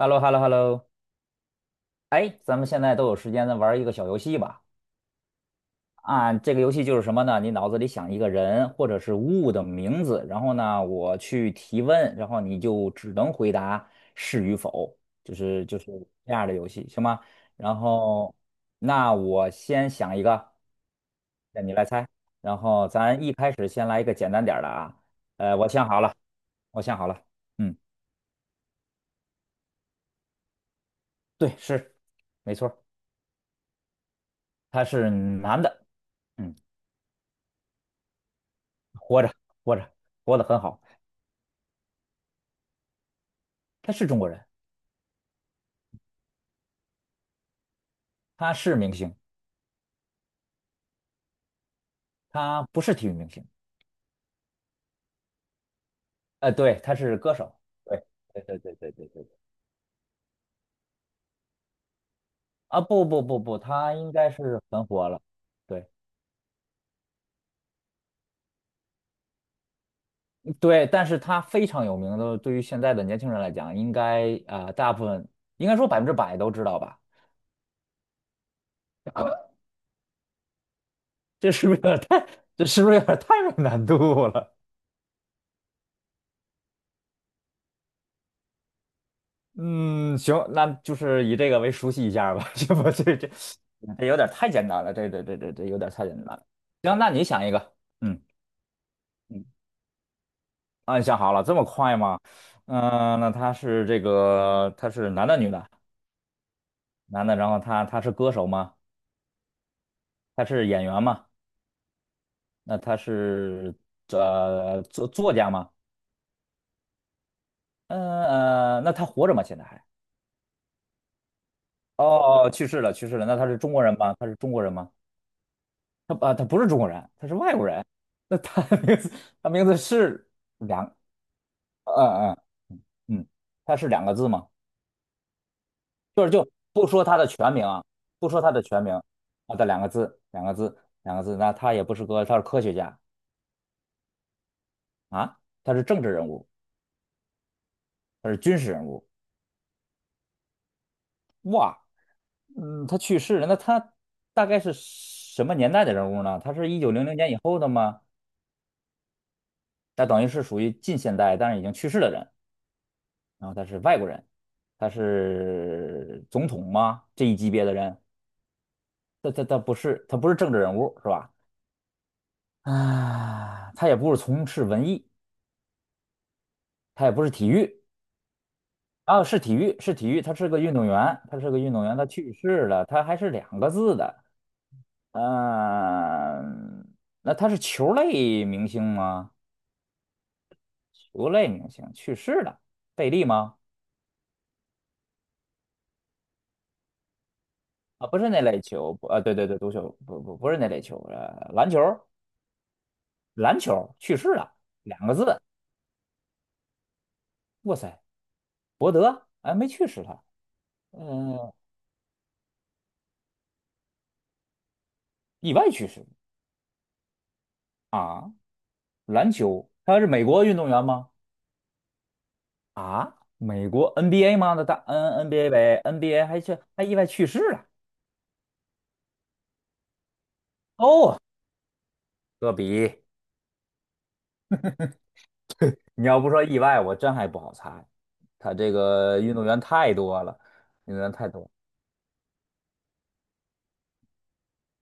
h e l l o h e l l o h e l l o 哎，咱们现在都有时间，咱玩一个小游戏吧。啊，这个游戏就是什么呢？你脑子里想一个人或者是物的名字，然后呢，我去提问，然后你就只能回答是与否，就是这样的游戏，行吗？然后，那我先想一个，那你来猜。然后咱一开始先来一个简单点儿的啊。我想好了，我想好了。嗯，对，是，没错儿他是男的。嗯。活着，活着，活得很好。他是中国人，他是明星，他不是体育明星。对，他是歌手。对，对对对对对对。啊，不不不不，他应该是很火了。对对，但是他非常有名的，对于现在的年轻人来讲，应该啊、大部分应该说100%都知道吧？这是不是有点太，这是不是有点太有难度了？嗯，行，那就是以这个为熟悉一下儿吧。这不，这有点太简单了，这有点太简单了。行，那你想一个，嗯嗯。啊，你想好了，这么快吗？嗯、那他是这个，他是男的女的？男的，然后他是歌手吗？他是演员吗？那他是作家吗？嗯，那他活着吗？现在还？哦哦，哦去世了，去世了。那他是中国人吗？他是中国人吗？他啊，他不是中国人，他是外国人。那他的名字，他名字是两，嗯嗯嗯，他是两个字吗？不说他的全名啊，不说他的全名啊，他两个字，两个字，两个字。那他也不是个，他是科学家。啊，他是政治人物，他是军事人物。哇，嗯，他去世了，那他大概是什么年代的人物呢？他是1900年以后的吗？那等于是属于近现代，但是已经去世的人。然后他是外国人，他是总统吗？这一级别的人，他不是政治人物是吧？啊，他也不是从事文艺，他也不是体育啊，是体育，是体育，他是个运动员，他是个运动员，他去世了，他还是两个字的。嗯、那他是球类明星吗？球类明星去世了，贝利吗？啊，不是那类球。不啊，对对对，足球不是那类球，篮球。篮球去世了，两个字。哇塞，伯德哎没去世他。嗯、意外去世啊。篮球他是美国运动员吗？啊，美国 NBA 吗？那大嗯 N NBA 呗，NBA 还意外去世了。哦，科比，你要不说意外，我真还不好猜。他这个运动员太多了，运动员太多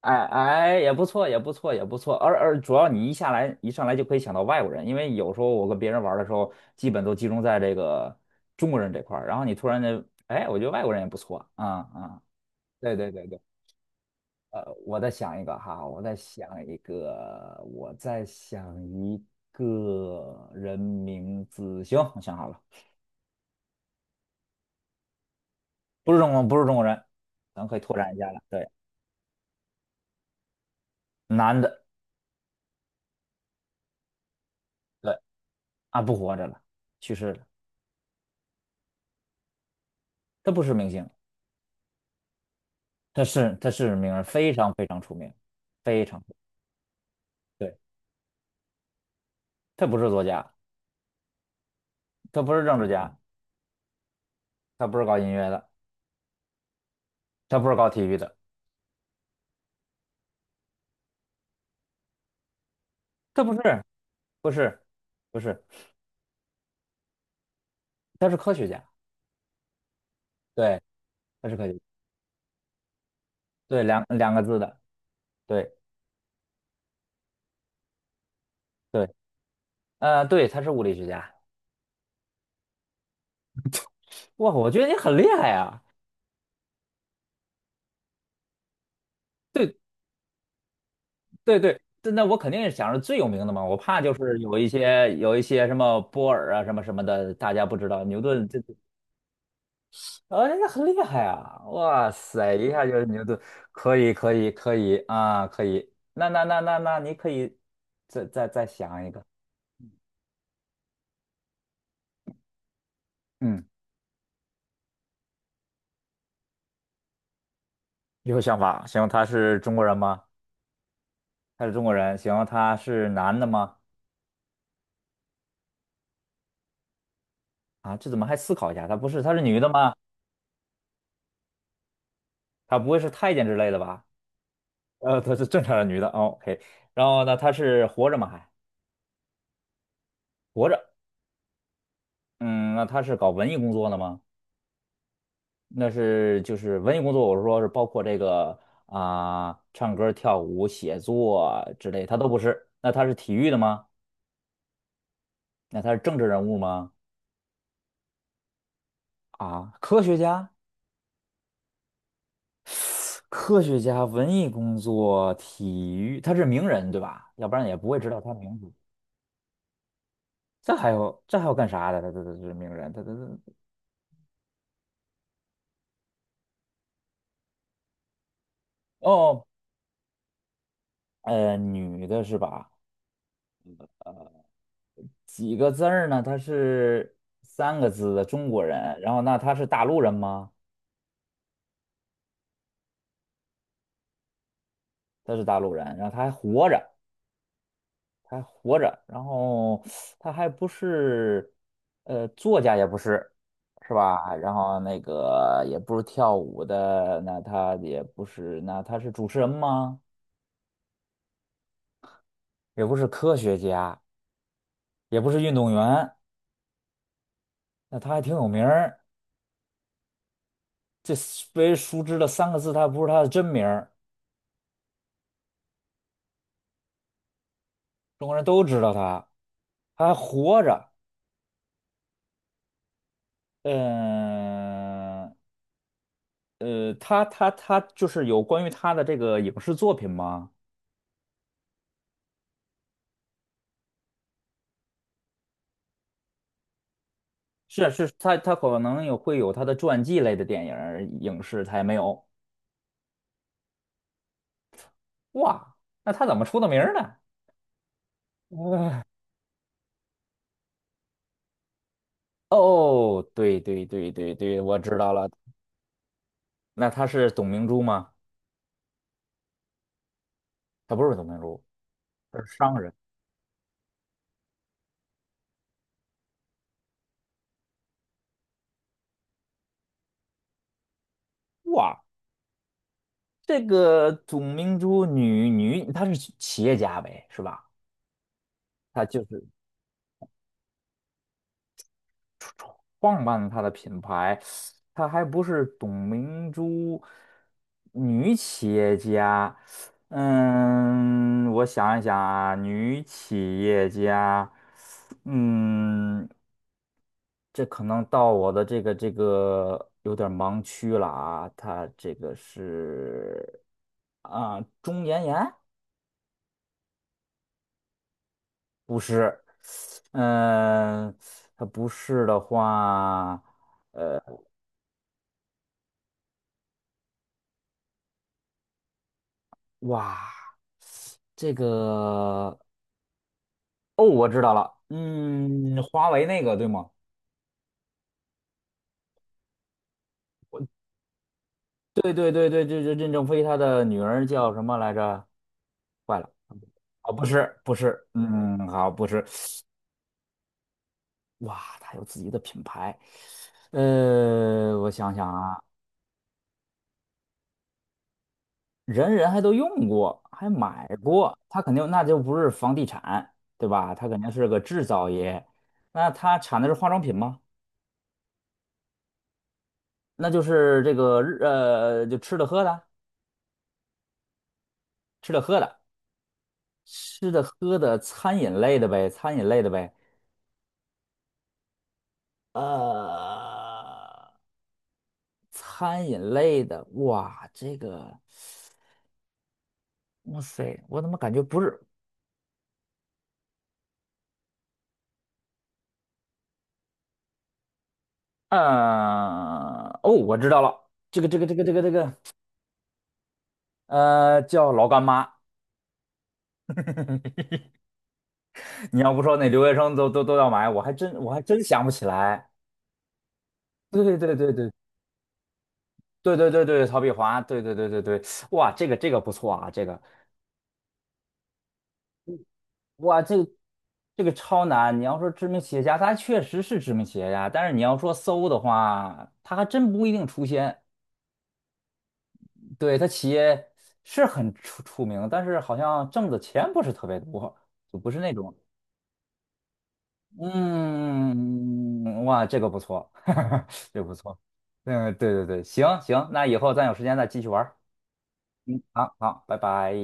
哎哎，也不错，也不错，也不错。而主要你一上来就可以想到外国人，因为有时候我跟别人玩的时候，基本都集中在这个中国人这块儿。然后你突然间，哎，我觉得外国人也不错啊。啊、对对对对，我再想一个哈，我再想一个，我再想一个人名字。行，我想好了。不是中国人，咱可以拓展一下了。对，男的，对。啊，不活着了，去世了，他不是明星。他是名人，非常非常出名，非常对。他不是作家，他不是政治家，他不是搞音乐的，他不是搞体育的，他不是，不是，不是，他是科学家，对，他是科学家。对，两个字的，对对，对，他是物理学家。哇，我觉得你很厉害啊！对对对，对那我肯定是想着最有名的嘛，我怕就是有一些什么波尔啊什么什么的，大家不知道牛顿这。哦，那很厉害啊！哇塞，一下就牛顿，可以，可以，可以啊，可以。那那那那那，你可以再想一个。嗯，有想法。行，他是中国人吗？他是中国人。行，他是男的吗？啊，这怎么还思考一下？他不是，他是女的吗？他不会是太监之类的吧？她是正常的女的，OK。o k 然后呢，她是活着吗？还活着。嗯，那她是搞文艺工作的吗？就是文艺工作，我是说是包括这个啊、唱歌、跳舞、写作之类，他都不是。那他是体育的吗？那他是政治人物吗？啊，科学家、科学家、文艺工作、体育，他是名人对吧？要不然也不会知道他名字。这还有干啥的？他是名人，他他他哦，女的是吧？几个字儿呢？她是三个字的中国人，然后那她是大陆人吗？她是大陆人，然后她还活着。还活着，然后他还不是，作家也不是，是吧？然后那个也不是跳舞的，那他也不是，那他是主持人吗？也不是科学家，也不是运动员，那他还挺有名儿。这被熟知的三个字，他不是他的真名儿，中国人都知道他，他还活着。嗯，他就是有关于他的这个影视作品吗？是啊是，他可能会有他的传记类的电影儿影视，他也没有。哇，那他怎么出的名儿呢？呃哦，对对对对对，我知道了。那他是董明珠吗？他不是董明珠，他是商人。哇，这个董明珠女，她是企业家呗，是吧？她就是。创办它的品牌，它还不是董明珠女企业家。嗯，我想一想啊，女企业家，嗯，这可能到我的这个有点儿盲区了啊。她这个是啊，钟妍妍不是。嗯，她不是的话，哇。这个哦，我知道了。嗯，华为那个对吗？对对对对，对这任正非他的女儿叫什么来着？坏了，哦，不是不是。嗯，好，不是，哇，他有自己的品牌，我想想啊，人人还都用过，还买过，他肯定那就不是房地产，对吧？他肯定是个制造业，那他产的是化妆品吗？那就是这个就吃的喝的，吃的喝的。吃的、喝的、餐饮类的呗，餐饮类的呗，呃，餐饮类的，哇，这个，哇塞，我怎么感觉不是？哦，我知道了，这个，这个，这个，这个，这个，叫老干妈。你要不说那留学生都要买，我还真想不起来。对对对对对对对对对，曹碧华，对对对对对，哇，这个不错啊，哇，这个超难！你要说知名企业家，他确实是知名企业家，但是你要说搜的话，他还真不一定出现。对，他企业是很出名，但是好像挣的钱不是特别多，就不是那种。嗯，哇，这个不错，这个不错。嗯，对对对，行行，那以后咱有时间再继续玩儿。好好，拜拜。